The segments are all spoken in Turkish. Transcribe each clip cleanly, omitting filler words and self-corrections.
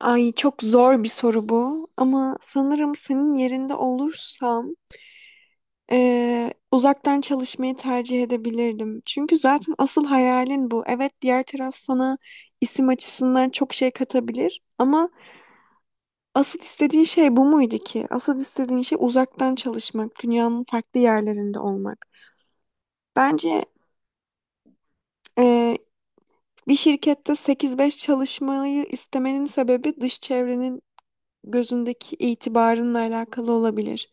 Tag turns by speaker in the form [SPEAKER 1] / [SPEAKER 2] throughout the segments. [SPEAKER 1] Ay çok zor bir soru bu ama sanırım senin yerinde olursam uzaktan çalışmayı tercih edebilirdim. Çünkü zaten asıl hayalin bu. Evet diğer taraf sana isim açısından çok şey katabilir ama asıl istediğin şey bu muydu ki? Asıl istediğin şey uzaktan çalışmak, dünyanın farklı yerlerinde olmak. Bence eee, bir şirkette sekiz beş çalışmayı istemenin sebebi dış çevrenin gözündeki itibarınla alakalı olabilir.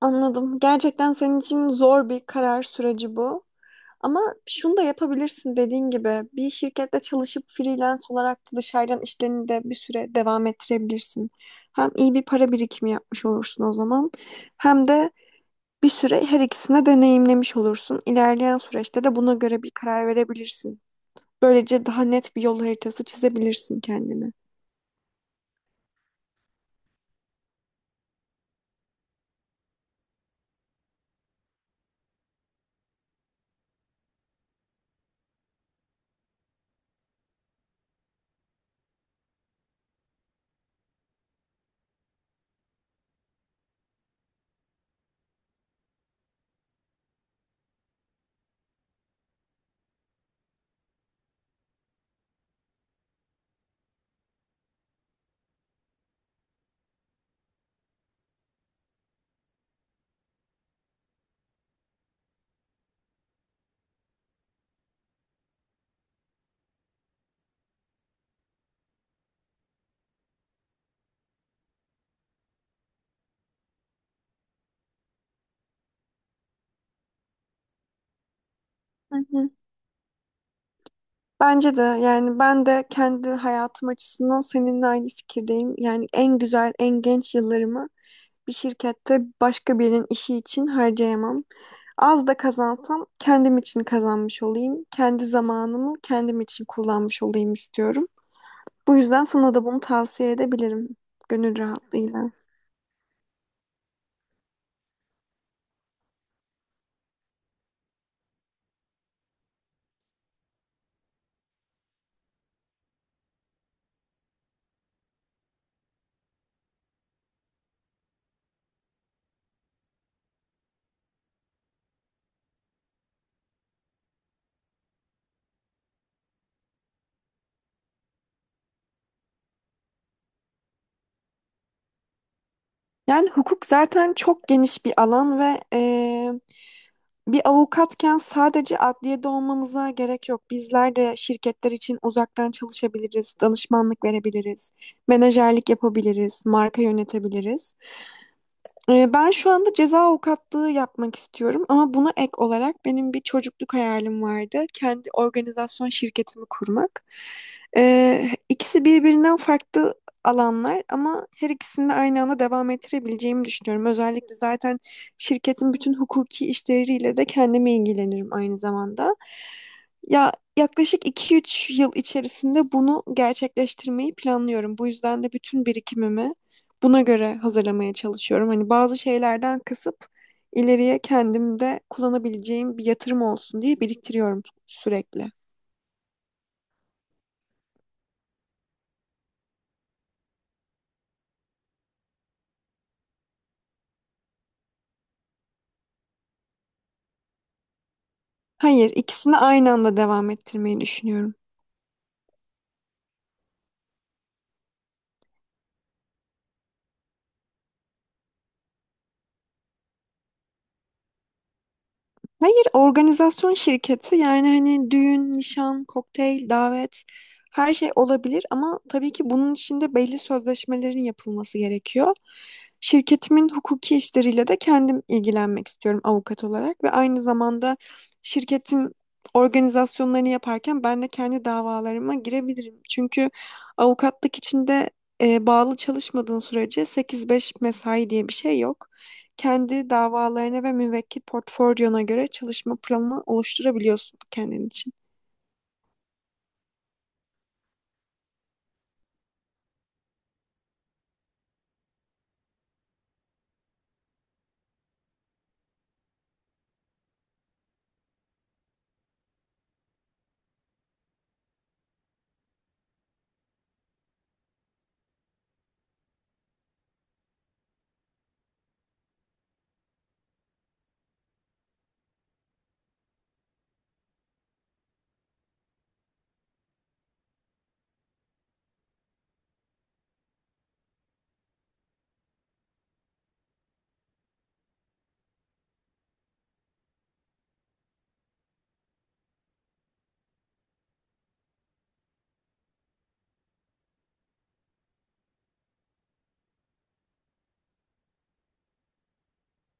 [SPEAKER 1] Anladım. Gerçekten senin için zor bir karar süreci bu. Ama şunu da yapabilirsin dediğin gibi bir şirkette çalışıp freelance olarak da dışarıdan işlerini de bir süre devam ettirebilirsin. Hem iyi bir para birikimi yapmış olursun o zaman hem de bir süre her ikisini deneyimlemiş olursun. İlerleyen süreçte de buna göre bir karar verebilirsin. Böylece daha net bir yol haritası çizebilirsin kendine. Hı hı. Bence de yani ben de kendi hayatım açısından seninle aynı fikirdeyim. Yani en güzel, en genç yıllarımı bir şirkette başka birinin işi için harcayamam. Az da kazansam kendim için kazanmış olayım. Kendi zamanımı kendim için kullanmış olayım istiyorum. Bu yüzden sana da bunu tavsiye edebilirim gönül rahatlığıyla. Yani hukuk zaten çok geniş bir alan ve bir avukatken sadece adliyede olmamıza gerek yok. Bizler de şirketler için uzaktan çalışabiliriz, danışmanlık verebiliriz, menajerlik yapabiliriz, marka yönetebiliriz. Ben şu anda ceza avukatlığı yapmak istiyorum ama buna ek olarak benim bir çocukluk hayalim vardı. Kendi organizasyon şirketimi kurmak. İkisi birbirinden farklı alanlar ama her ikisini de aynı anda devam ettirebileceğimi düşünüyorum. Özellikle zaten şirketin bütün hukuki işleriyle de kendime ilgilenirim aynı zamanda. Ya yaklaşık iki üç yıl içerisinde bunu gerçekleştirmeyi planlıyorum. Bu yüzden de bütün birikimimi buna göre hazırlamaya çalışıyorum. Hani bazı şeylerden kısıp ileriye kendimde kullanabileceğim bir yatırım olsun diye biriktiriyorum sürekli. Hayır, ikisini aynı anda devam ettirmeyi düşünüyorum. Hayır, organizasyon şirketi yani hani düğün, nişan, kokteyl, davet her şey olabilir ama tabii ki bunun içinde belli sözleşmelerin yapılması gerekiyor. Şirketimin hukuki işleriyle de kendim ilgilenmek istiyorum avukat olarak ve aynı zamanda şirketim organizasyonlarını yaparken ben de kendi davalarıma girebilirim. Çünkü avukatlık içinde bağlı çalışmadığın sürece sekiz beş mesai diye bir şey yok, kendi davalarına ve müvekkil portfolyona göre çalışma planını oluşturabiliyorsun kendin için.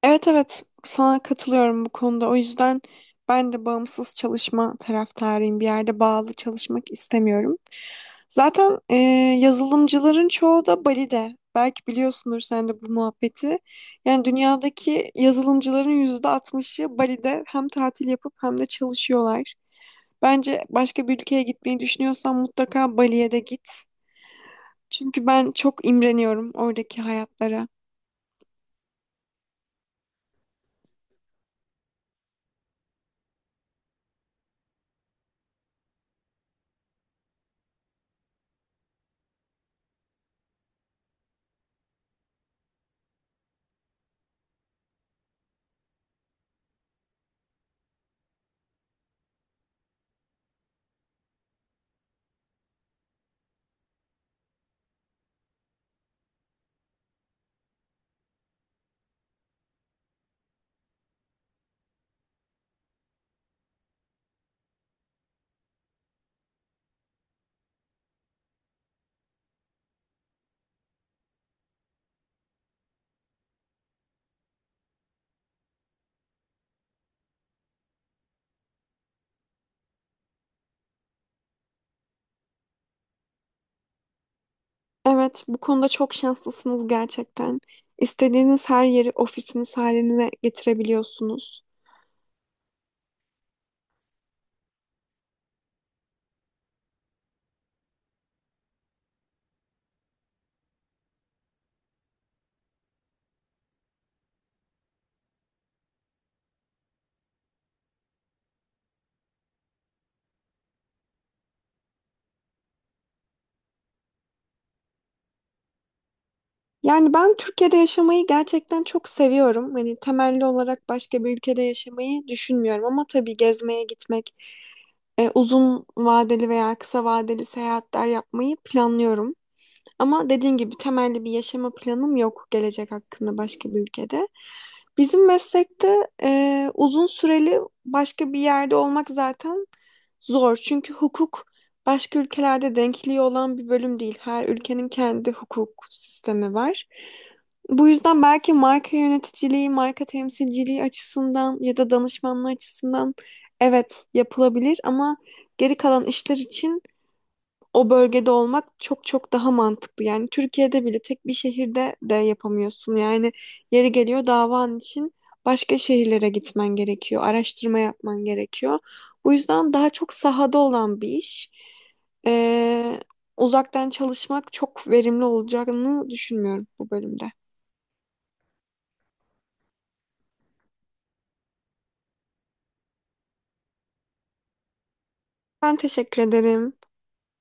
[SPEAKER 1] Evet evet sana katılıyorum bu konuda. O yüzden ben de bağımsız çalışma taraftarıyım. Bir yerde bağlı çalışmak istemiyorum. Zaten yazılımcıların çoğu da Bali'de. Belki biliyorsundur sen de bu muhabbeti. Yani dünyadaki yazılımcıların %60'ı Bali'de hem tatil yapıp hem de çalışıyorlar. Bence başka bir ülkeye gitmeyi düşünüyorsan mutlaka Bali'ye de git. Çünkü ben çok imreniyorum oradaki hayatlara. Evet, bu konuda çok şanslısınız gerçekten. İstediğiniz her yeri ofisiniz haline getirebiliyorsunuz. Yani ben Türkiye'de yaşamayı gerçekten çok seviyorum. Hani temelli olarak başka bir ülkede yaşamayı düşünmüyorum ama tabii gezmeye gitmek, uzun vadeli veya kısa vadeli seyahatler yapmayı planlıyorum. Ama dediğim gibi temelli bir yaşama planım yok gelecek hakkında başka bir ülkede. Bizim meslekte uzun süreli başka bir yerde olmak zaten zor. Çünkü hukuk başka ülkelerde denkliği olan bir bölüm değil. Her ülkenin kendi hukuk sistemi var. Bu yüzden belki marka yöneticiliği, marka temsilciliği açısından ya da danışmanlığı açısından evet yapılabilir ama geri kalan işler için o bölgede olmak çok çok daha mantıklı. Yani Türkiye'de bile tek bir şehirde de yapamıyorsun. Yani yeri geliyor davan için başka şehirlere gitmen gerekiyor, araştırma yapman gerekiyor. Bu yüzden daha çok sahada olan bir iş. Ee, Uzaktan çalışmak çok verimli olacağını düşünmüyorum bu bölümde. Ben teşekkür ederim.